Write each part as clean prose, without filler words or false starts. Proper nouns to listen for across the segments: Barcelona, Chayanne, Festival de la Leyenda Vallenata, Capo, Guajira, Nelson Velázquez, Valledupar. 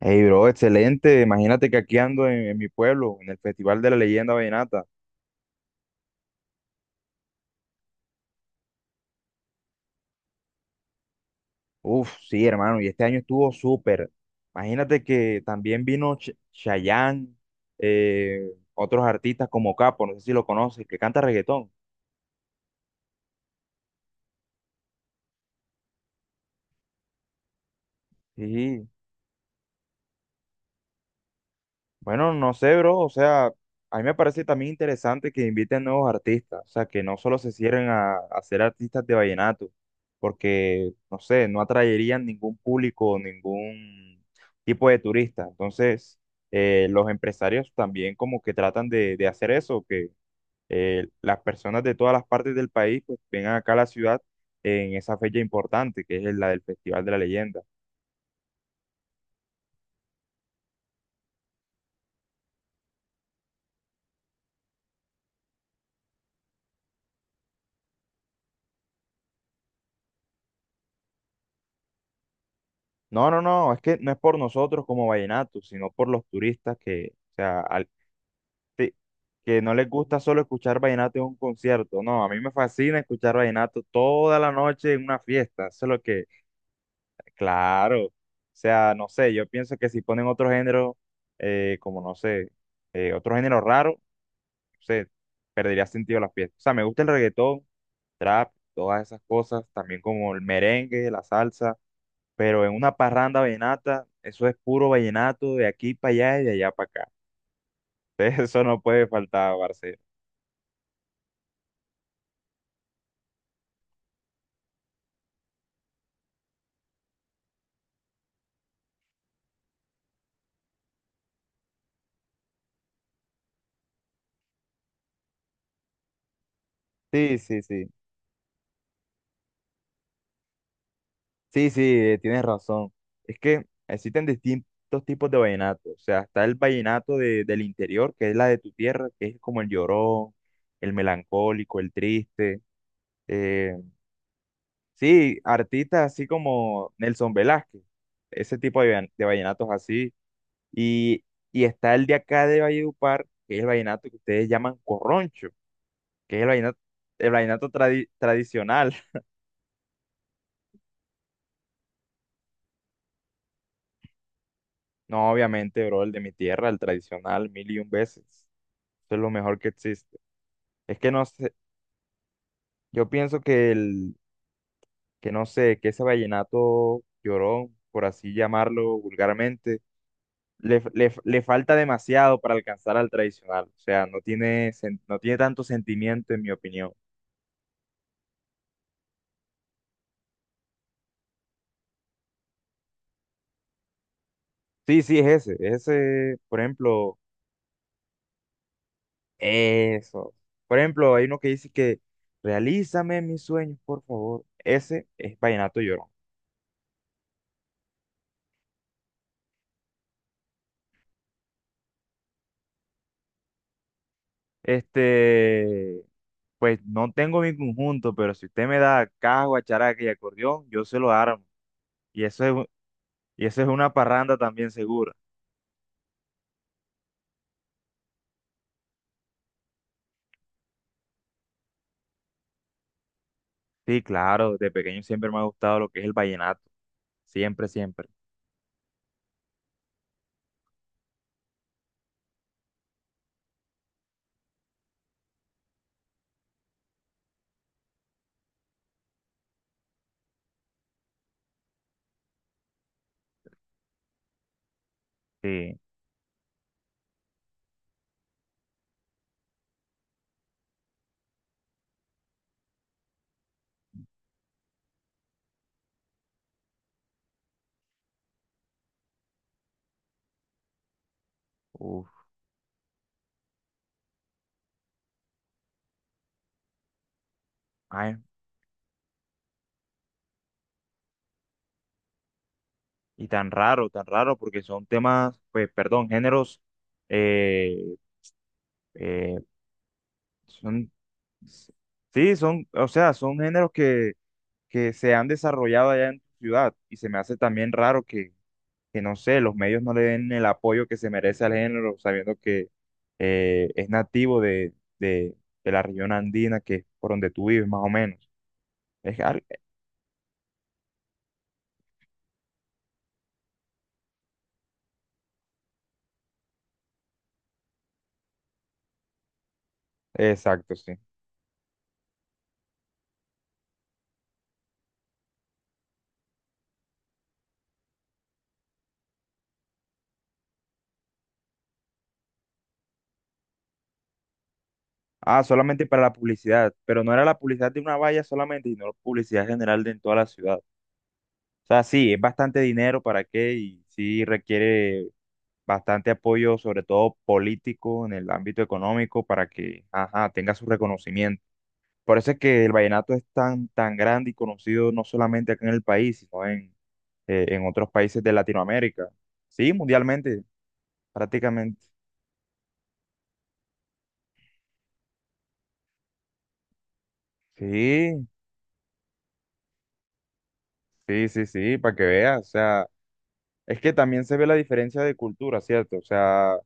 Hey, bro, excelente. Imagínate que aquí ando en mi pueblo, en el Festival de la Leyenda Vallenata. Uf, sí, hermano, y este año estuvo súper. Imagínate que también vino Chayanne, eh, otros artistas como Capo, no sé si lo conoces, que canta reggaetón. Sí. Bueno, no sé, bro, o sea, a mí me parece también interesante que inviten nuevos artistas, o sea, que no solo se cierren a ser artistas de vallenato, porque, no sé, no atraerían ningún público, ningún tipo de turista. Entonces, los empresarios también como que tratan de hacer eso, que las personas de todas las partes del país pues vengan acá a la ciudad en esa fecha importante, que es la del Festival de la Leyenda. No, no, no, es que no es por nosotros como vallenatos, sino por los turistas que, o sea, te- que no les gusta solo escuchar vallenato en un concierto. No, a mí me fascina escuchar vallenato toda la noche en una fiesta. Eso es lo que, claro, o sea, no sé, yo pienso que si ponen otro género, como no sé, otro género raro, no sé, perdería sentido la fiesta. O sea, me gusta el reggaetón, trap, todas esas cosas, también como el merengue, la salsa, pero en una parranda vallenata, eso es puro vallenato de aquí para allá y de allá para acá. Entonces, eso no puede faltar, Barcelona. Sí, sí, sí. Sí, sí, tienes razón. Es que existen distintos tipos de vallenato. O sea, está el vallenato del interior, que es la de tu tierra, que es como el llorón, el melancólico, el triste. eh, sí, artistas así como Nelson Velázquez, ese tipo de vallenatos así. Y, y está el de acá de Valledupar, que es el vallenato que ustedes llaman corroncho, que es el vallenato tradicional. No, obviamente, bro, el de mi tierra, el tradicional, mil y un veces. Eso es lo mejor que existe. Es que no sé, yo pienso que no sé, que ese vallenato llorón, por así llamarlo vulgarmente, le falta demasiado para alcanzar al tradicional. O sea, no tiene, no tiene tanto sentimiento, en mi opinión. Sí, sí, es ese. Es ese, por ejemplo. Eso. Por ejemplo, hay uno que dice que realízame mis sueños, por favor. Ese es Vallenato Llorón. Este, pues no tengo mi conjunto, pero si usted me da caja, guacharaca y acordeón, yo se lo armo. Y eso es, un- y eso es una parranda también segura. Sí, claro, de pequeño siempre me ha gustado lo que es el vallenato. Siempre, siempre. Sí. Uf. Ay, y tan raro, porque son temas, pues, perdón, géneros. eh, eh, Son, sí, son, o sea, son géneros que se han desarrollado allá en tu ciudad y se me hace también raro que, no sé, los medios no le den el apoyo que se merece al género, sabiendo que es nativo de, de la región andina, que es por donde tú vives, más o menos. Es, al- exacto, sí. Ah, solamente para la publicidad, pero no era la publicidad de una valla solamente, sino la publicidad general de en toda la ciudad. O sea, sí, es bastante dinero para qué y sí requiere bastante apoyo, sobre todo político, en el ámbito económico, para que, ajá, tenga su reconocimiento. Por eso es que el vallenato es tan, tan grande y conocido no solamente acá en el país, sino en otros países de Latinoamérica. Sí, mundialmente, prácticamente. Sí, sí, sí, sí, para que veas. O sea, es que también se ve la diferencia de cultura, ¿cierto? O sea,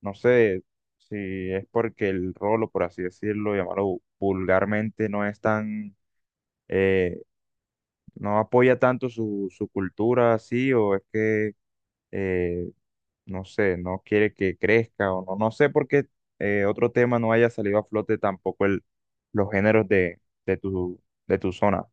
no sé si es porque el rolo, por así decirlo, llamarlo vulgarmente, no es tan, eh, no apoya tanto su cultura así, o es que, eh, no sé, no quiere que crezca, o no, no sé por qué otro tema no haya salido a flote tampoco los géneros de tu, de tu zona.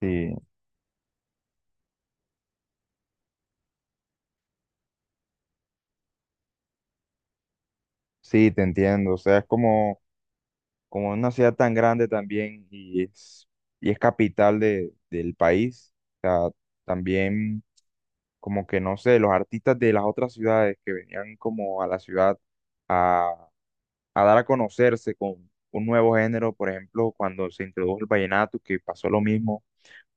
Sí, sí, te entiendo. O sea, es como una ciudad tan grande también y es capital del país. O sea, también como que, no sé, los artistas de las otras ciudades que venían como a la ciudad a dar a conocerse con un nuevo género, por ejemplo, cuando se introdujo el vallenato, que pasó lo mismo,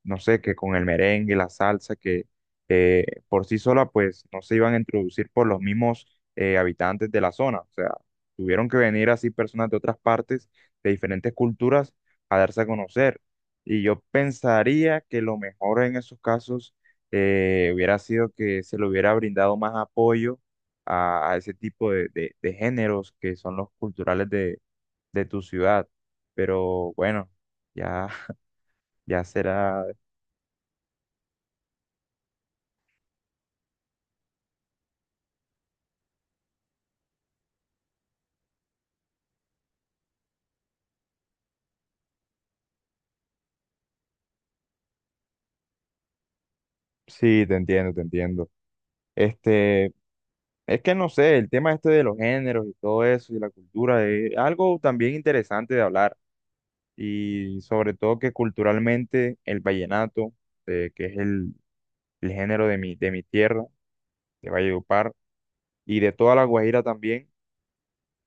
no sé, que con el merengue, la salsa, que por sí sola, pues no se iban a introducir por los mismos habitantes de la zona. O sea, tuvieron que venir así personas de otras partes, de diferentes culturas, a darse a conocer. Y yo pensaría que lo mejor en esos casos hubiera sido que se le hubiera brindado más apoyo a ese tipo de géneros que son los culturales de tu ciudad. Pero bueno, ya. Ya será. Sí, te entiendo, te entiendo. Este, es que no sé, el tema este de los géneros y todo eso y la cultura es algo también interesante de hablar, y sobre todo que culturalmente el vallenato, que es el género de mi tierra, de Valledupar y de toda la Guajira también,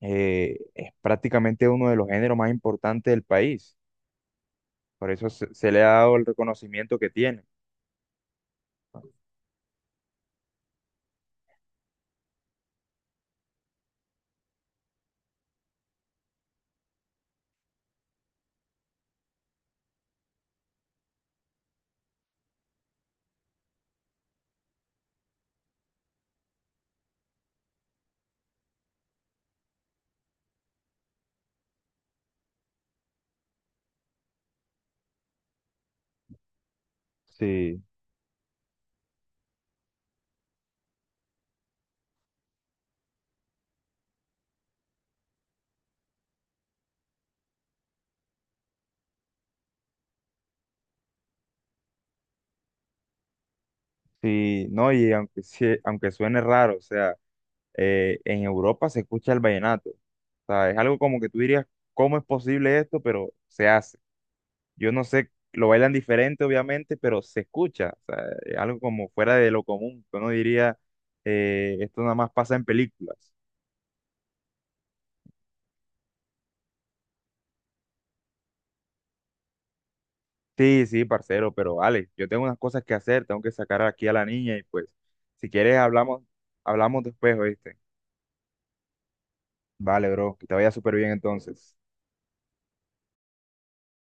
es prácticamente uno de los géneros más importantes del país. Por eso se le ha dado el reconocimiento que tiene. Sí, sí, no, y aunque suene raro, o sea, en Europa se escucha el vallenato. O sea, es algo como que tú dirías, ¿cómo es posible esto? Pero se hace. Yo no sé, lo bailan diferente, obviamente, pero se escucha. O sea, es algo como fuera de lo común. Uno diría, esto nada más pasa en películas. Sí, sí, parcero, pero vale, yo tengo unas cosas que hacer, tengo que sacar aquí a la niña y pues, si quieres hablamos, hablamos después, ¿oíste? Vale, bro, que te vaya súper bien entonces.